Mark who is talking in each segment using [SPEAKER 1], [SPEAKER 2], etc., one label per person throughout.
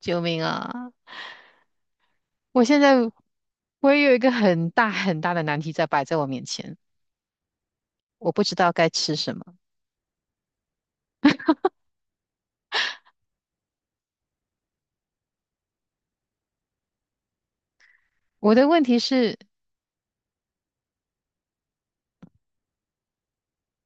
[SPEAKER 1] 救命啊！我现在我也有一个很大很大的难题在摆在我面前，我不知道该吃什么。我的问题是，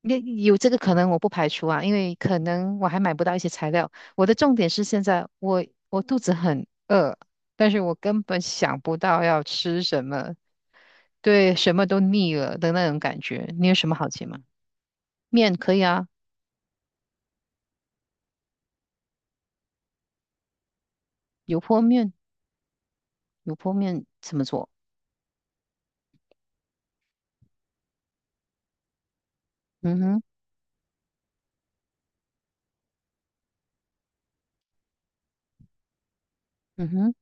[SPEAKER 1] 那有这个可能我不排除啊，因为可能我还买不到一些材料。我的重点是现在我肚子很饿，但是我根本想不到要吃什么，对，什么都腻了的那种感觉。你有什么好吃吗？面可以啊，油泼面，油泼面怎么做？嗯哼，嗯哼，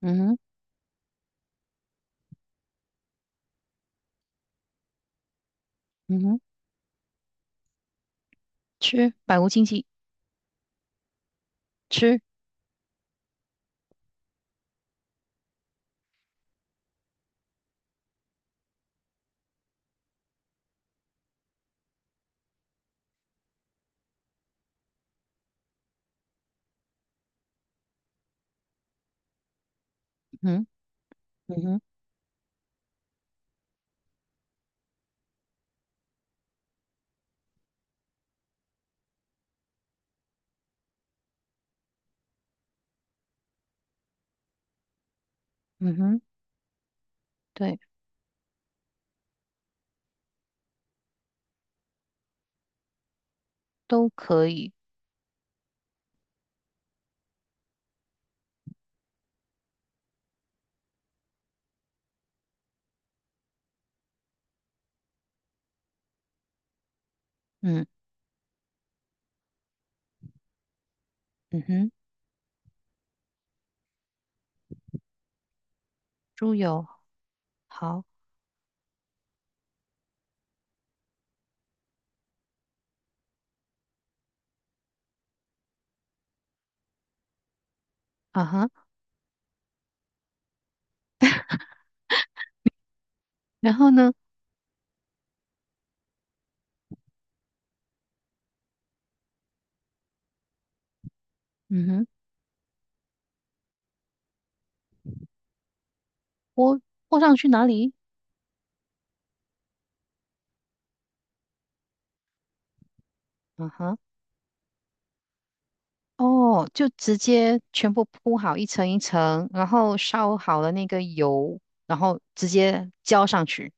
[SPEAKER 1] 嗯哼，嗯哼，吃，百无禁忌。吃，嗯哼嗯哼嗯哼，对，都可以，嗯嗯哼，猪油，好啊哈，然后呢，嗯哼，泼泼上去哪里？啊哈，哦，就直接全部铺好一层一层，然后烧好了那个油，然后直接浇上去，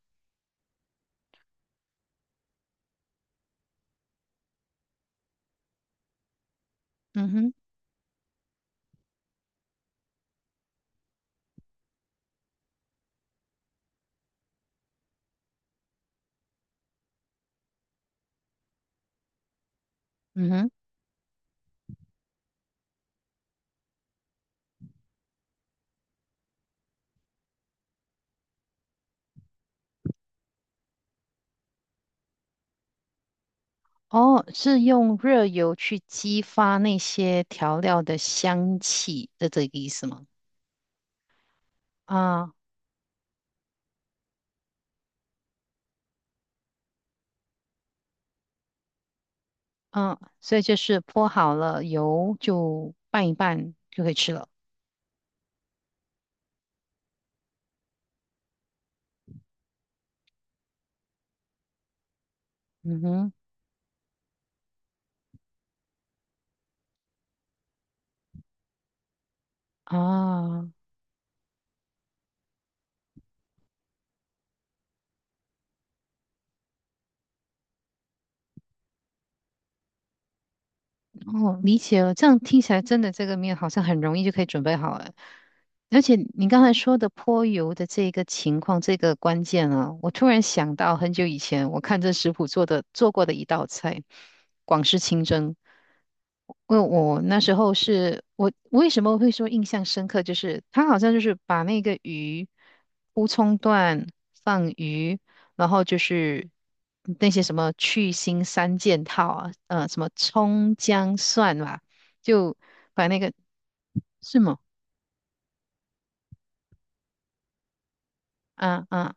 [SPEAKER 1] 嗯哼嗯哼，哦，是用热油去激发那些调料的香气的这个意思吗？啊嗯，所以就是泼好了油就拌一拌就可以吃了。嗯哼，啊。哦，理解了。这样听起来真的这个面好像很容易就可以准备好了。而且你刚才说的泼油的这个情况，这个关键啊，我突然想到很久以前我看这食谱做过的一道菜——广式清蒸。因为我那时候我为什么会说印象深刻，就是他好像就是把那个鱼乌葱段放鱼，然后就是那些什么去腥三件套啊，什么葱姜蒜吧，就把那个是吗？啊啊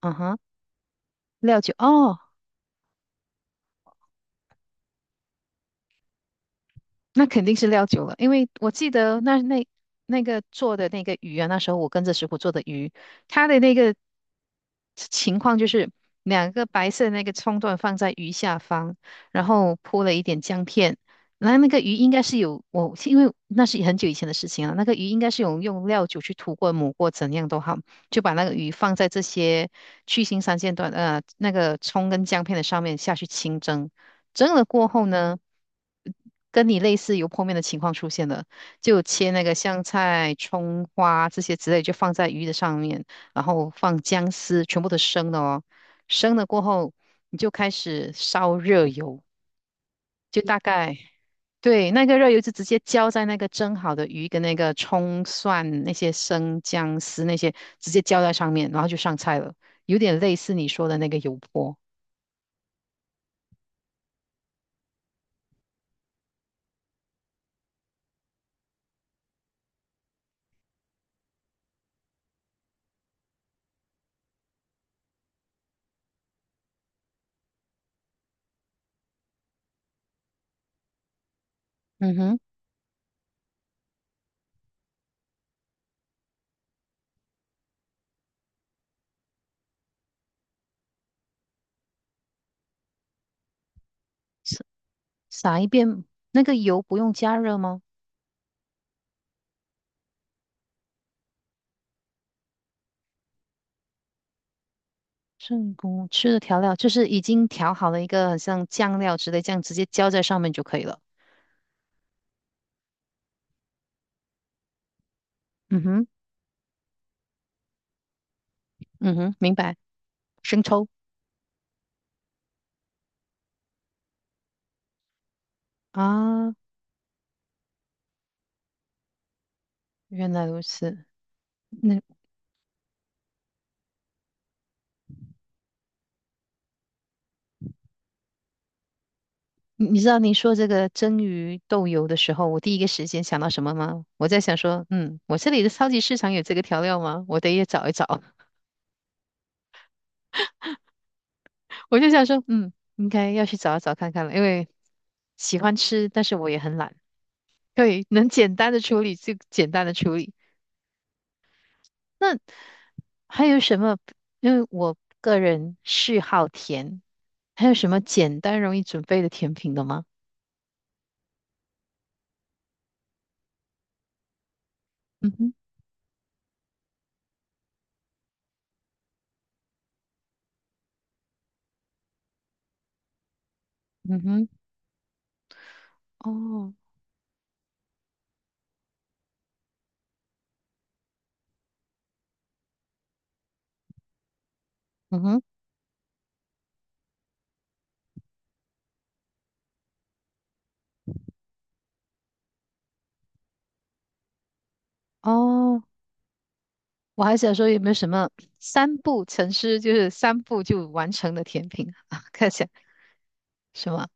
[SPEAKER 1] 啊哈，料酒哦。那肯定是料酒了，因为我记得那个做的那个鱼啊，那时候我跟着师傅做的鱼，它的那个情况就是两个白色的那个葱段放在鱼下方，然后铺了一点姜片，然后那个鱼应该是有我，因为那是很久以前的事情了，那个鱼应该是有用料酒去涂过、抹过，怎样都好，就把那个鱼放在这些去腥三线段那个葱跟姜片的上面下去清蒸。蒸了过后呢，呃跟你类似油泼面的情况出现了，就切那个香菜、葱花这些之类，就放在鱼的上面，然后放姜丝，全部都生的哦。生了过后，你就开始烧热油，就大概对那个热油就直接浇在那个蒸好的鱼跟那个葱蒜那些生姜丝那些，直接浇在上面，然后就上菜了，有点类似你说的那个油泼。嗯哼。撒一遍，那个油不用加热吗？正宫吃的调料就是已经调好了一个很像酱料之类，这样直接浇在上面就可以了。嗯哼，嗯哼，明白。生抽啊，原来如此。那你知道你说这个蒸鱼豆油的时候，我第一个时间想到什么吗？我在想说，嗯，我这里的超级市场有这个调料吗？我得也找一找。我就想说，嗯，应该要去找一找看看了，因为喜欢吃，但是我也很懒。对，能简单的处理就简单的处理。那还有什么？因为我个人嗜好甜，还有什么简单容易准备的甜品的吗？嗯哼，嗯哼，哦，嗯哼，哦，我还想说有没有什么三步成诗，就是三步就完成的甜品啊？看一下什么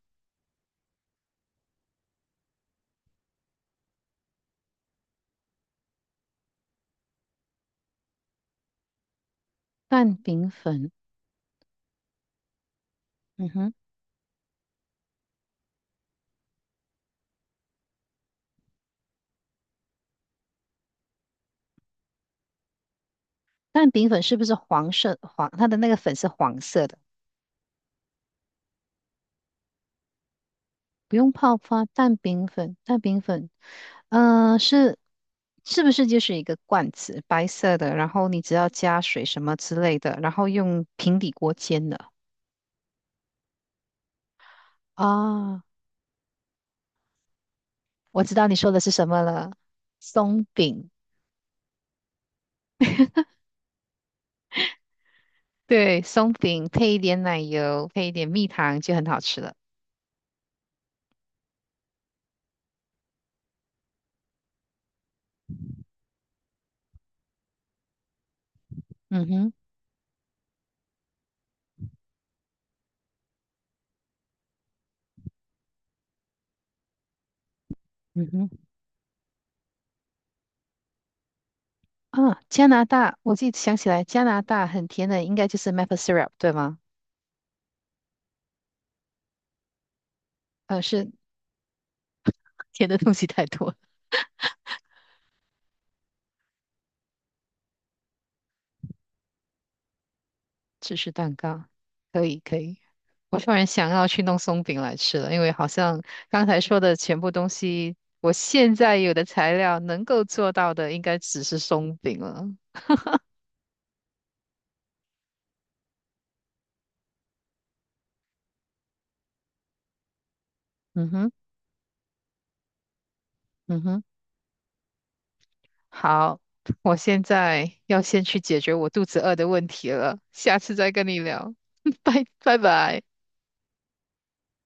[SPEAKER 1] 蛋饼粉，嗯哼，蛋饼粉是不是黄色？黄，它的那个粉是黄色的。不用泡发蛋饼粉，蛋饼粉，嗯、是是不是就是一个罐子，白色的，然后你只要加水什么之类的，然后用平底锅煎的啊？我知道你说的是什么了，松饼，对，松饼配一点奶油，配一点蜜糖就很好吃了。嗯哼，嗯哼，啊，加拿大，我自己想起来，加拿大很甜的，应该就是 maple syrup 对吗？是 甜的东西太多了，芝士蛋糕，可以，可以。我突然想要去弄松饼来吃了，因为好像刚才说的全部东西，我现在有的材料能够做到的，应该只是松饼了。嗯哼，嗯哼，好，我现在要先去解决我肚子饿的问题了，下次再跟你聊，拜拜拜。